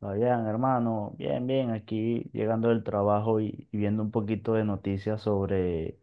Oigan, hermano, bien, bien, aquí llegando del trabajo y viendo un poquito de noticias sobre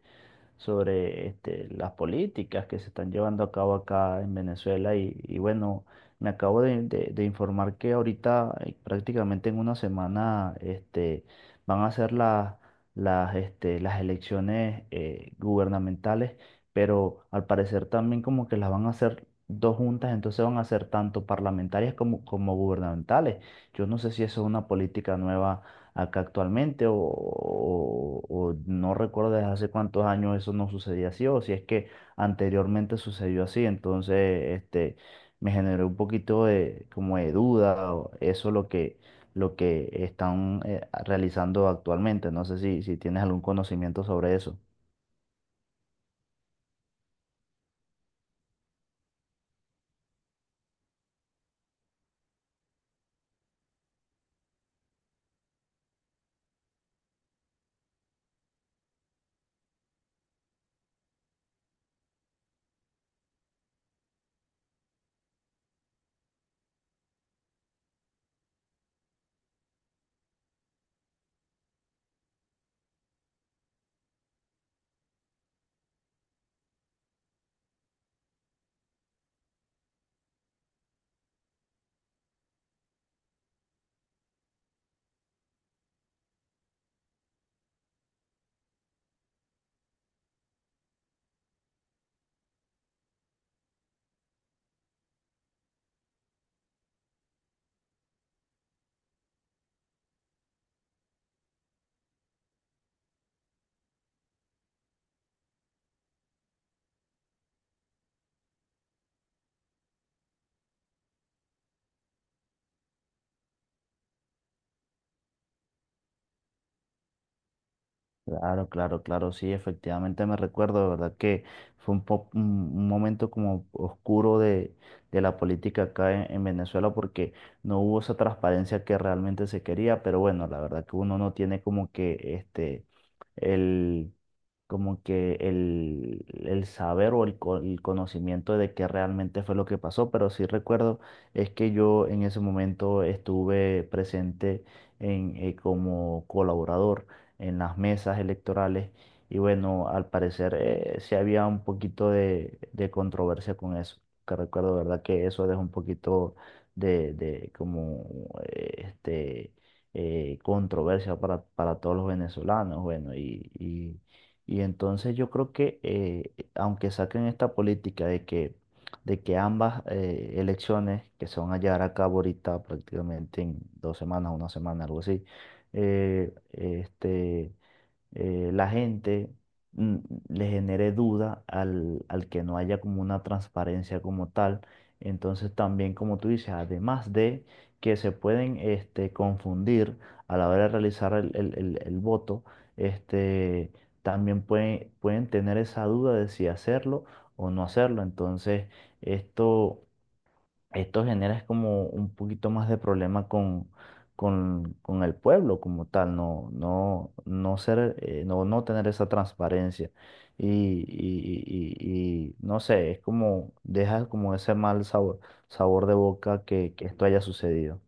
sobre este, las políticas que se están llevando a cabo acá en Venezuela y bueno, me acabo de informar que ahorita prácticamente en una semana este, van a ser este, las elecciones gubernamentales, pero al parecer también como que las van a hacer dos juntas, entonces van a ser tanto parlamentarias como gubernamentales. Yo no sé si eso es una política nueva acá actualmente o no recuerdo desde hace cuántos años eso no sucedía así o si es que anteriormente sucedió así, entonces este me generó un poquito de como de duda o eso lo que están realizando actualmente, no sé si tienes algún conocimiento sobre eso. Claro, claro, claro, sí, efectivamente me recuerdo, de verdad que fue un momento como oscuro de la política acá en Venezuela porque no hubo esa transparencia que realmente se quería, pero bueno, la verdad que uno no tiene como que este, el, el saber o el conocimiento de qué realmente fue lo que pasó, pero sí recuerdo es que yo en ese momento estuve presente como colaborador en las mesas electorales. Y bueno, al parecer sí había un poquito de controversia con eso. Que recuerdo, ¿verdad? Que eso deja un poquito de como este, controversia para todos los venezolanos. Bueno, y entonces yo creo que aunque saquen esta política de que, ambas elecciones que se van a llevar a cabo ahorita prácticamente en 2 semanas, una semana, algo así, este, la gente mm, le genere duda al que no haya como una transparencia como tal. Entonces también, como tú dices, además de que se pueden este, confundir a la hora de realizar el voto, este, también pueden tener esa duda de si hacerlo o no hacerlo. Entonces, esto esto genera es como un poquito más de problema con el pueblo como tal, no, no, no ser, no, no tener esa transparencia. No sé, es como, deja como ese mal sabor de boca que esto haya sucedido.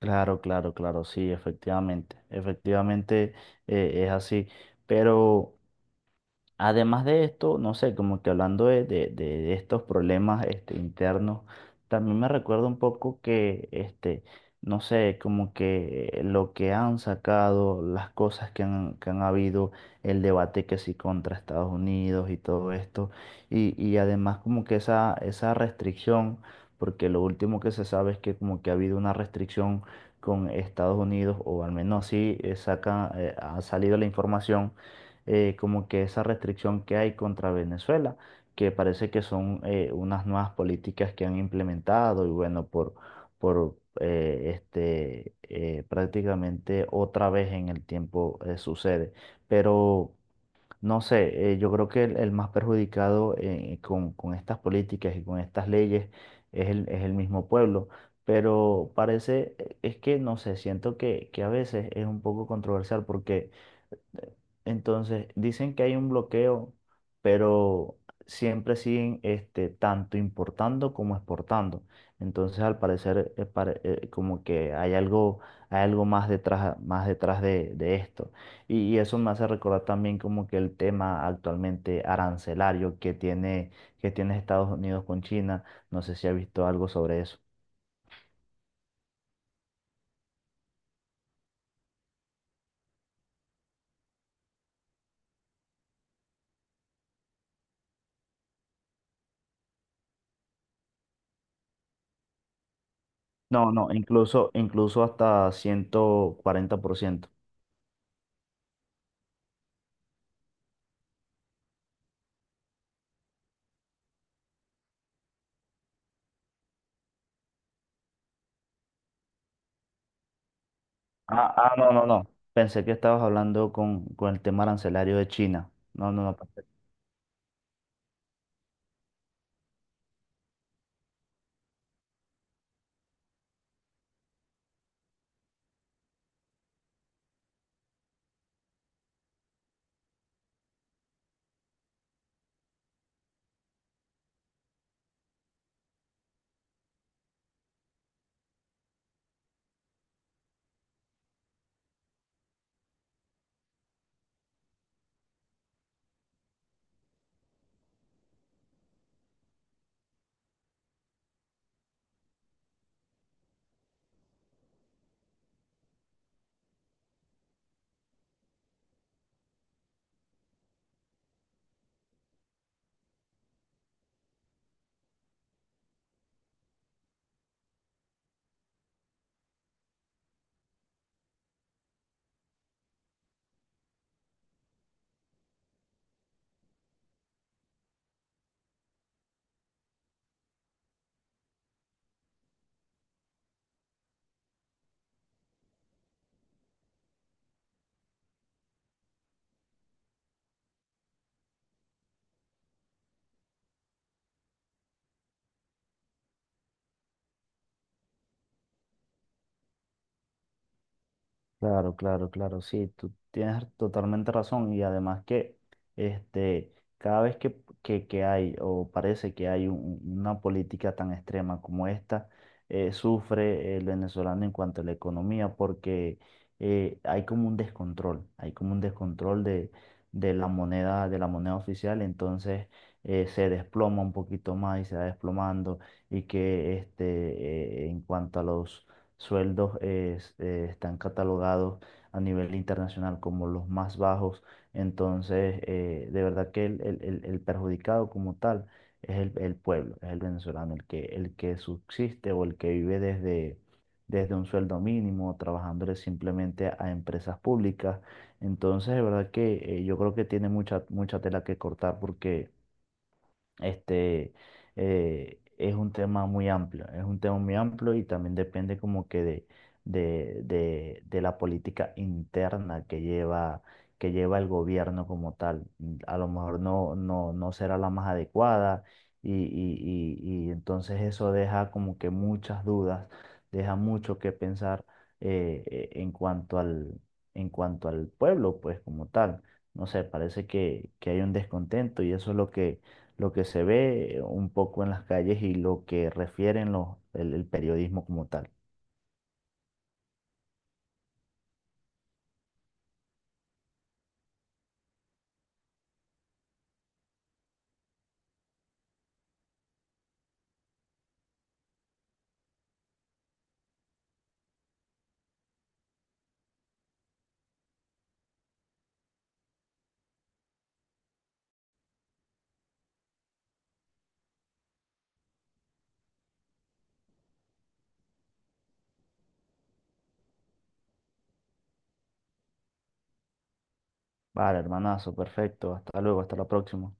Claro, claro, claro, sí, efectivamente, efectivamente es así, pero... Además de esto, no sé, como que hablando de estos problemas este, internos, también me recuerda un poco que, este, no sé, como que lo que han sacado, las cosas que han habido, el debate que sí contra Estados Unidos y todo esto, y además como que esa restricción, porque lo último que se sabe es que como que ha habido una restricción con Estados Unidos, o al menos así ha salido la información como que esa restricción que hay contra Venezuela, que parece que son unas nuevas políticas que han implementado y bueno, por este, prácticamente otra vez en el tiempo sucede. Pero no sé, yo creo que el más perjudicado con estas políticas y con estas leyes es el mismo pueblo. Pero parece, es que no sé, siento que a veces es un poco controversial porque entonces, dicen que hay un bloqueo, pero siempre siguen este, tanto importando como exportando. Entonces, al parecer, como que hay algo más detrás, de esto. Y eso me hace recordar también como que el tema actualmente arancelario que tiene Estados Unidos con China. No sé si ha visto algo sobre eso. No, no, incluso, incluso hasta 140%. Ah, ah, no, no, no. Pensé que estabas hablando con el tema arancelario de China. No, no, no. Claro, claro, claro, sí, tú tienes totalmente razón y además que este, cada vez que hay o parece que hay una política tan extrema como esta, sufre el venezolano en cuanto a la economía porque hay como un descontrol, de la moneda oficial, entonces se desploma un poquito más y se va desplomando y que este, en cuanto a los sueldos están catalogados a nivel internacional como los más bajos. Entonces, de verdad que el perjudicado como tal es el pueblo, es el venezolano, el que subsiste o el que vive desde un sueldo mínimo, trabajándole simplemente a empresas públicas. Entonces, de verdad que yo creo que tiene mucha, mucha tela que cortar porque este, es un tema muy amplio, es un tema muy amplio y también depende como que de la política interna que lleva el gobierno como tal. A lo mejor no, no, no será la más adecuada y entonces eso deja como que muchas dudas, deja mucho que pensar en cuanto en cuanto al pueblo, pues como tal. No sé, parece que hay un descontento y eso es lo que se ve un poco en las calles y lo que refieren el periodismo como tal. Vale, hermanazo, perfecto. Hasta luego, hasta la próxima.